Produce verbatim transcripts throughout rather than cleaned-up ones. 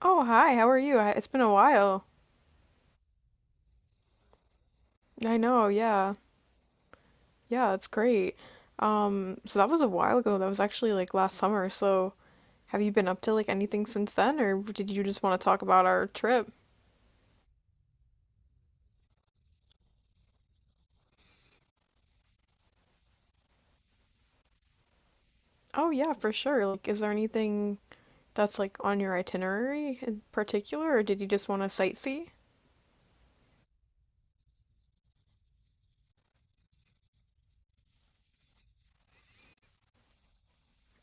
Oh, hi. How are you? I- It's been a while. I know. Yeah. Yeah, it's great. Um, so that was a while ago. That was actually like last summer. So have you been up to like anything since then, or did you just want to talk about our trip? Oh, yeah, for sure. Like, is there anything that's like on your itinerary in particular, or did you just want to sightsee?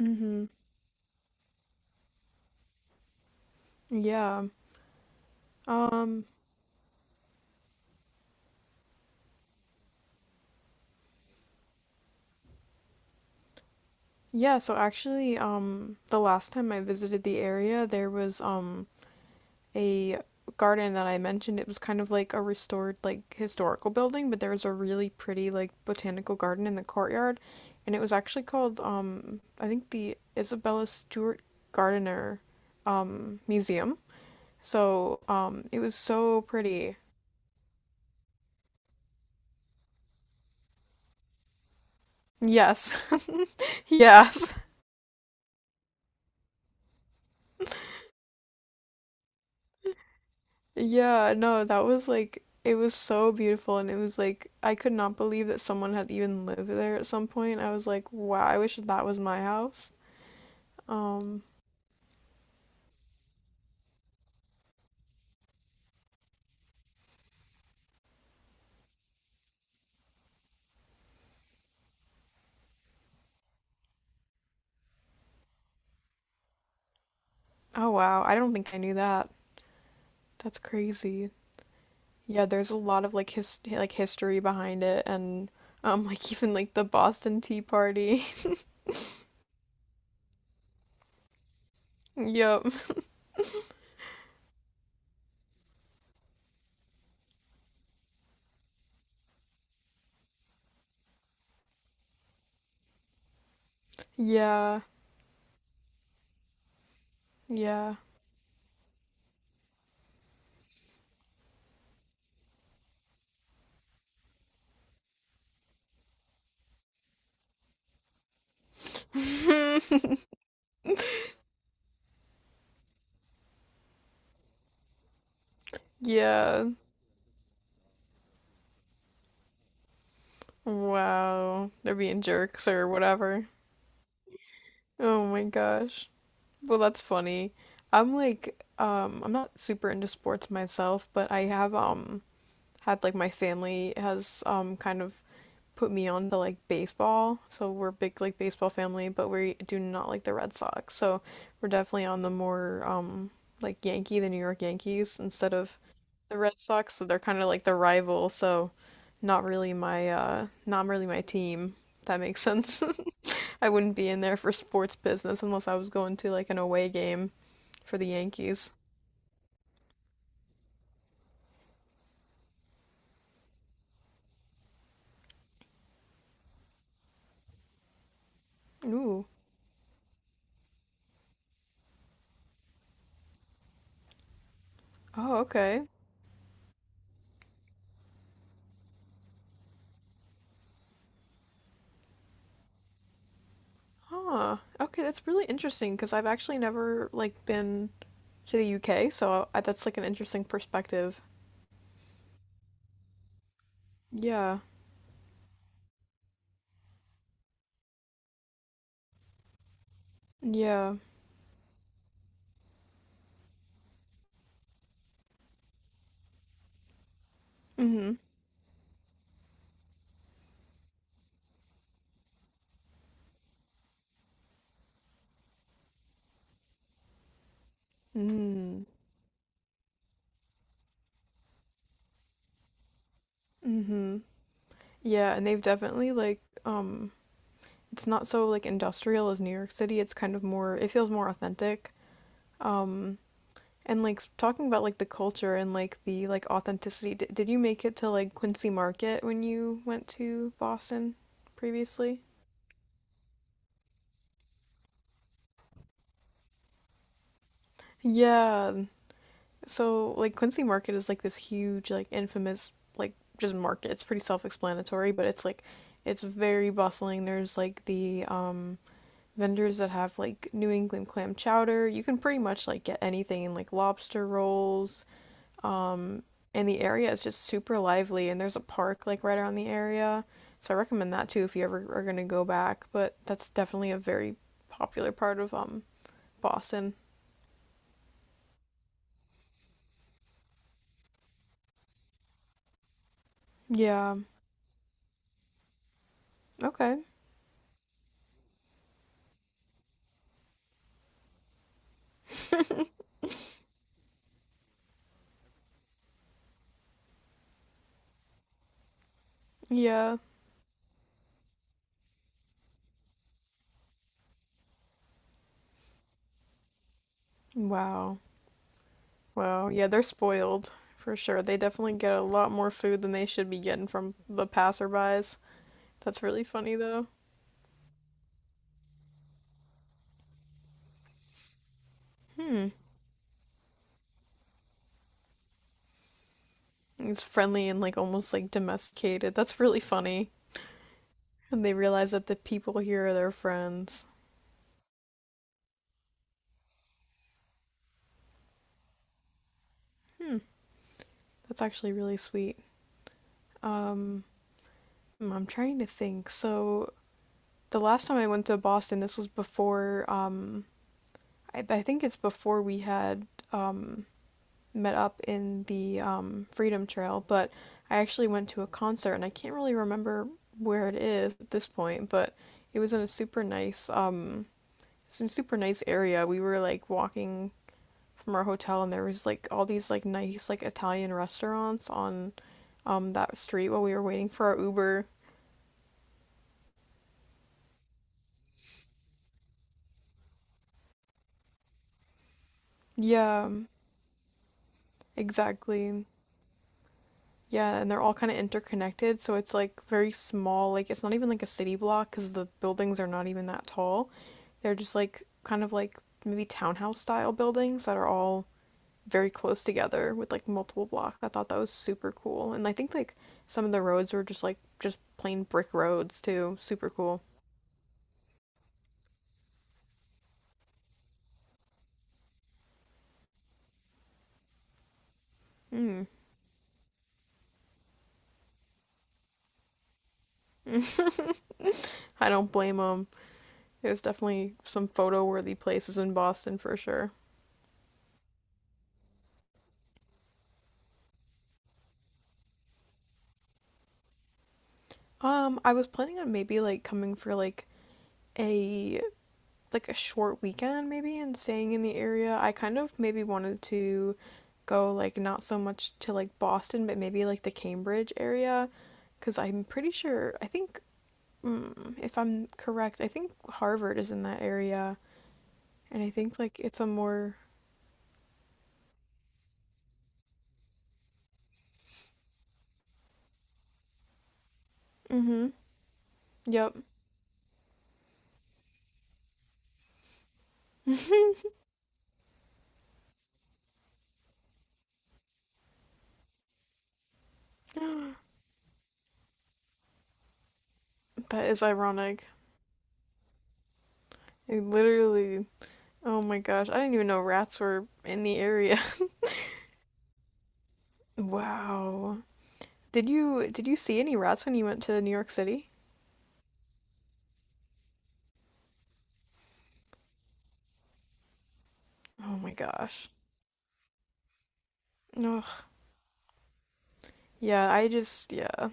Mm-hmm. Yeah. Yeah, so actually, um, the last time I visited the area, there was, um, a garden that I mentioned. It was kind of like a restored like historical building, but there was a really pretty like botanical garden in the courtyard, and it was actually called um I think the Isabella Stewart Gardiner um museum. So um it was so pretty. Yes. Yes. Yeah, no, that was like it was so beautiful and it was like I could not believe that someone had even lived there at some point. I was like, wow, I wish that was my house. Um Oh wow, I don't think I knew that. That's crazy. Yeah, there's a lot of like his like history behind it and um like even like the Boston Tea Party. Yep. Yeah. Yeah. Yeah. Wow. They're being jerks or whatever. Oh my gosh. Well, that's funny. I'm like, um, I'm not super into sports myself, but I have um had like my family has um kind of put me on to like baseball. So we're a big like baseball family, but we do not like the Red Sox. So we're definitely on the more um like Yankee, the New York Yankees instead of the Red Sox. So they're kind of like the rival. So not really my uh not really my team. If that makes sense. I wouldn't be in there for sports business unless I was going to like an away game for the Yankees. Ooh. Oh, okay. Huh. Okay, that's really interesting because I've actually never like been to the U K, so I, that's like an interesting perspective. Yeah. Yeah. Mhm. Mhm. Mhm. Yeah, and they've definitely like um it's not so like industrial as New York City. It's kind of more. It feels more authentic. Um and like s- talking about like the culture and like the like authenticity. D did you make it to like Quincy Market when you went to Boston previously? Yeah. so like Quincy Market is like this huge, like infamous, like just market. It's pretty self-explanatory, but it's like it's very bustling. There's like the um vendors that have like New England clam chowder. You can pretty much like get anything like lobster rolls. Um and the area is just super lively and there's a park like right around the area. So I recommend that too if you ever are going to go back, but that's definitely a very popular part of um Boston. Yeah. Okay. Yeah. Wow. Wow, yeah, they're spoiled for sure. They definitely get a lot more food than they should be getting from the passerbys. That's really funny though. Hmm. It's friendly and like almost like domesticated. That's really funny. And they realize that the people here are their friends. Hmm. That's actually really sweet. Um, hmm, I'm trying to think. So the last time I went to Boston, this was before um I, I think it's before we had um met up in the um, Freedom Trail, but I actually went to a concert and I can't really remember where it is at this point, but it was in a super nice um it's in a super nice area. We were like walking from our hotel and there was like all these like nice like Italian restaurants on um that street while we were waiting for our Uber. Yeah, exactly. Yeah, and they're all kind of interconnected, so it's like very small. Like it's not even like a city block because the buildings are not even that tall. They're just like kind of like maybe townhouse style buildings that are all very close together with like multiple blocks. I thought that was super cool. And I think like some of the roads were just like just plain brick roads too. Super cool. Mm. I don't blame them. There's definitely some photo worthy places in Boston for sure. Um, I was planning on maybe like coming for like a like a short weekend maybe and staying in the area, I kind of maybe wanted to go like not so much to like Boston, but maybe like the Cambridge area because I'm pretty sure I think mm, if I'm correct, I think Harvard is in that area and I think like it's a more. Mm-hmm, yep. That is ironic. I literally Oh my gosh, I didn't even know rats were in the area. Wow. Did you did you see any rats when you went to New York City? Oh my gosh. Ugh. Yeah, I just, yeah.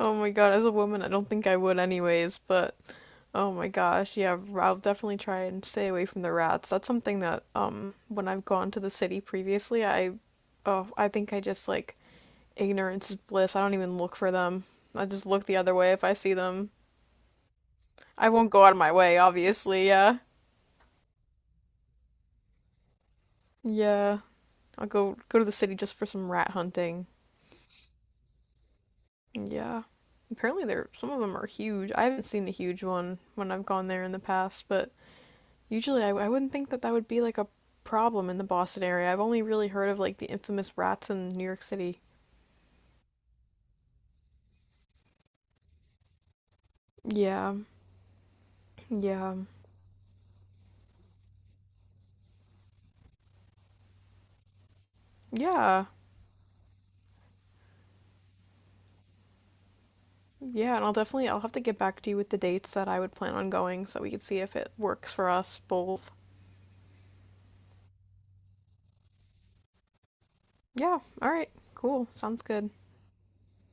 Oh my god, as a woman, I don't think I would anyways, but oh my gosh, yeah, I'll definitely try and stay away from the rats. That's something that, um, when I've gone to the city previously, I, oh, I think I just, like, ignorance is bliss. I don't even look for them. I just look the other way if I see them. I won't go out of my way, obviously, yeah. Yeah, I'll go go to the city just for some rat hunting. Yeah. Apparently, there some of them are huge. I haven't seen a huge one when I've gone there in the past, but usually I, I wouldn't think that that would be like a problem in the Boston area. I've only really heard of like the infamous rats in New York City. Yeah, yeah, yeah, yeah. And I'll definitely I'll have to get back to you with the dates that I would plan on going so we could see if it works for us both. Yeah. All right. Cool. Sounds good.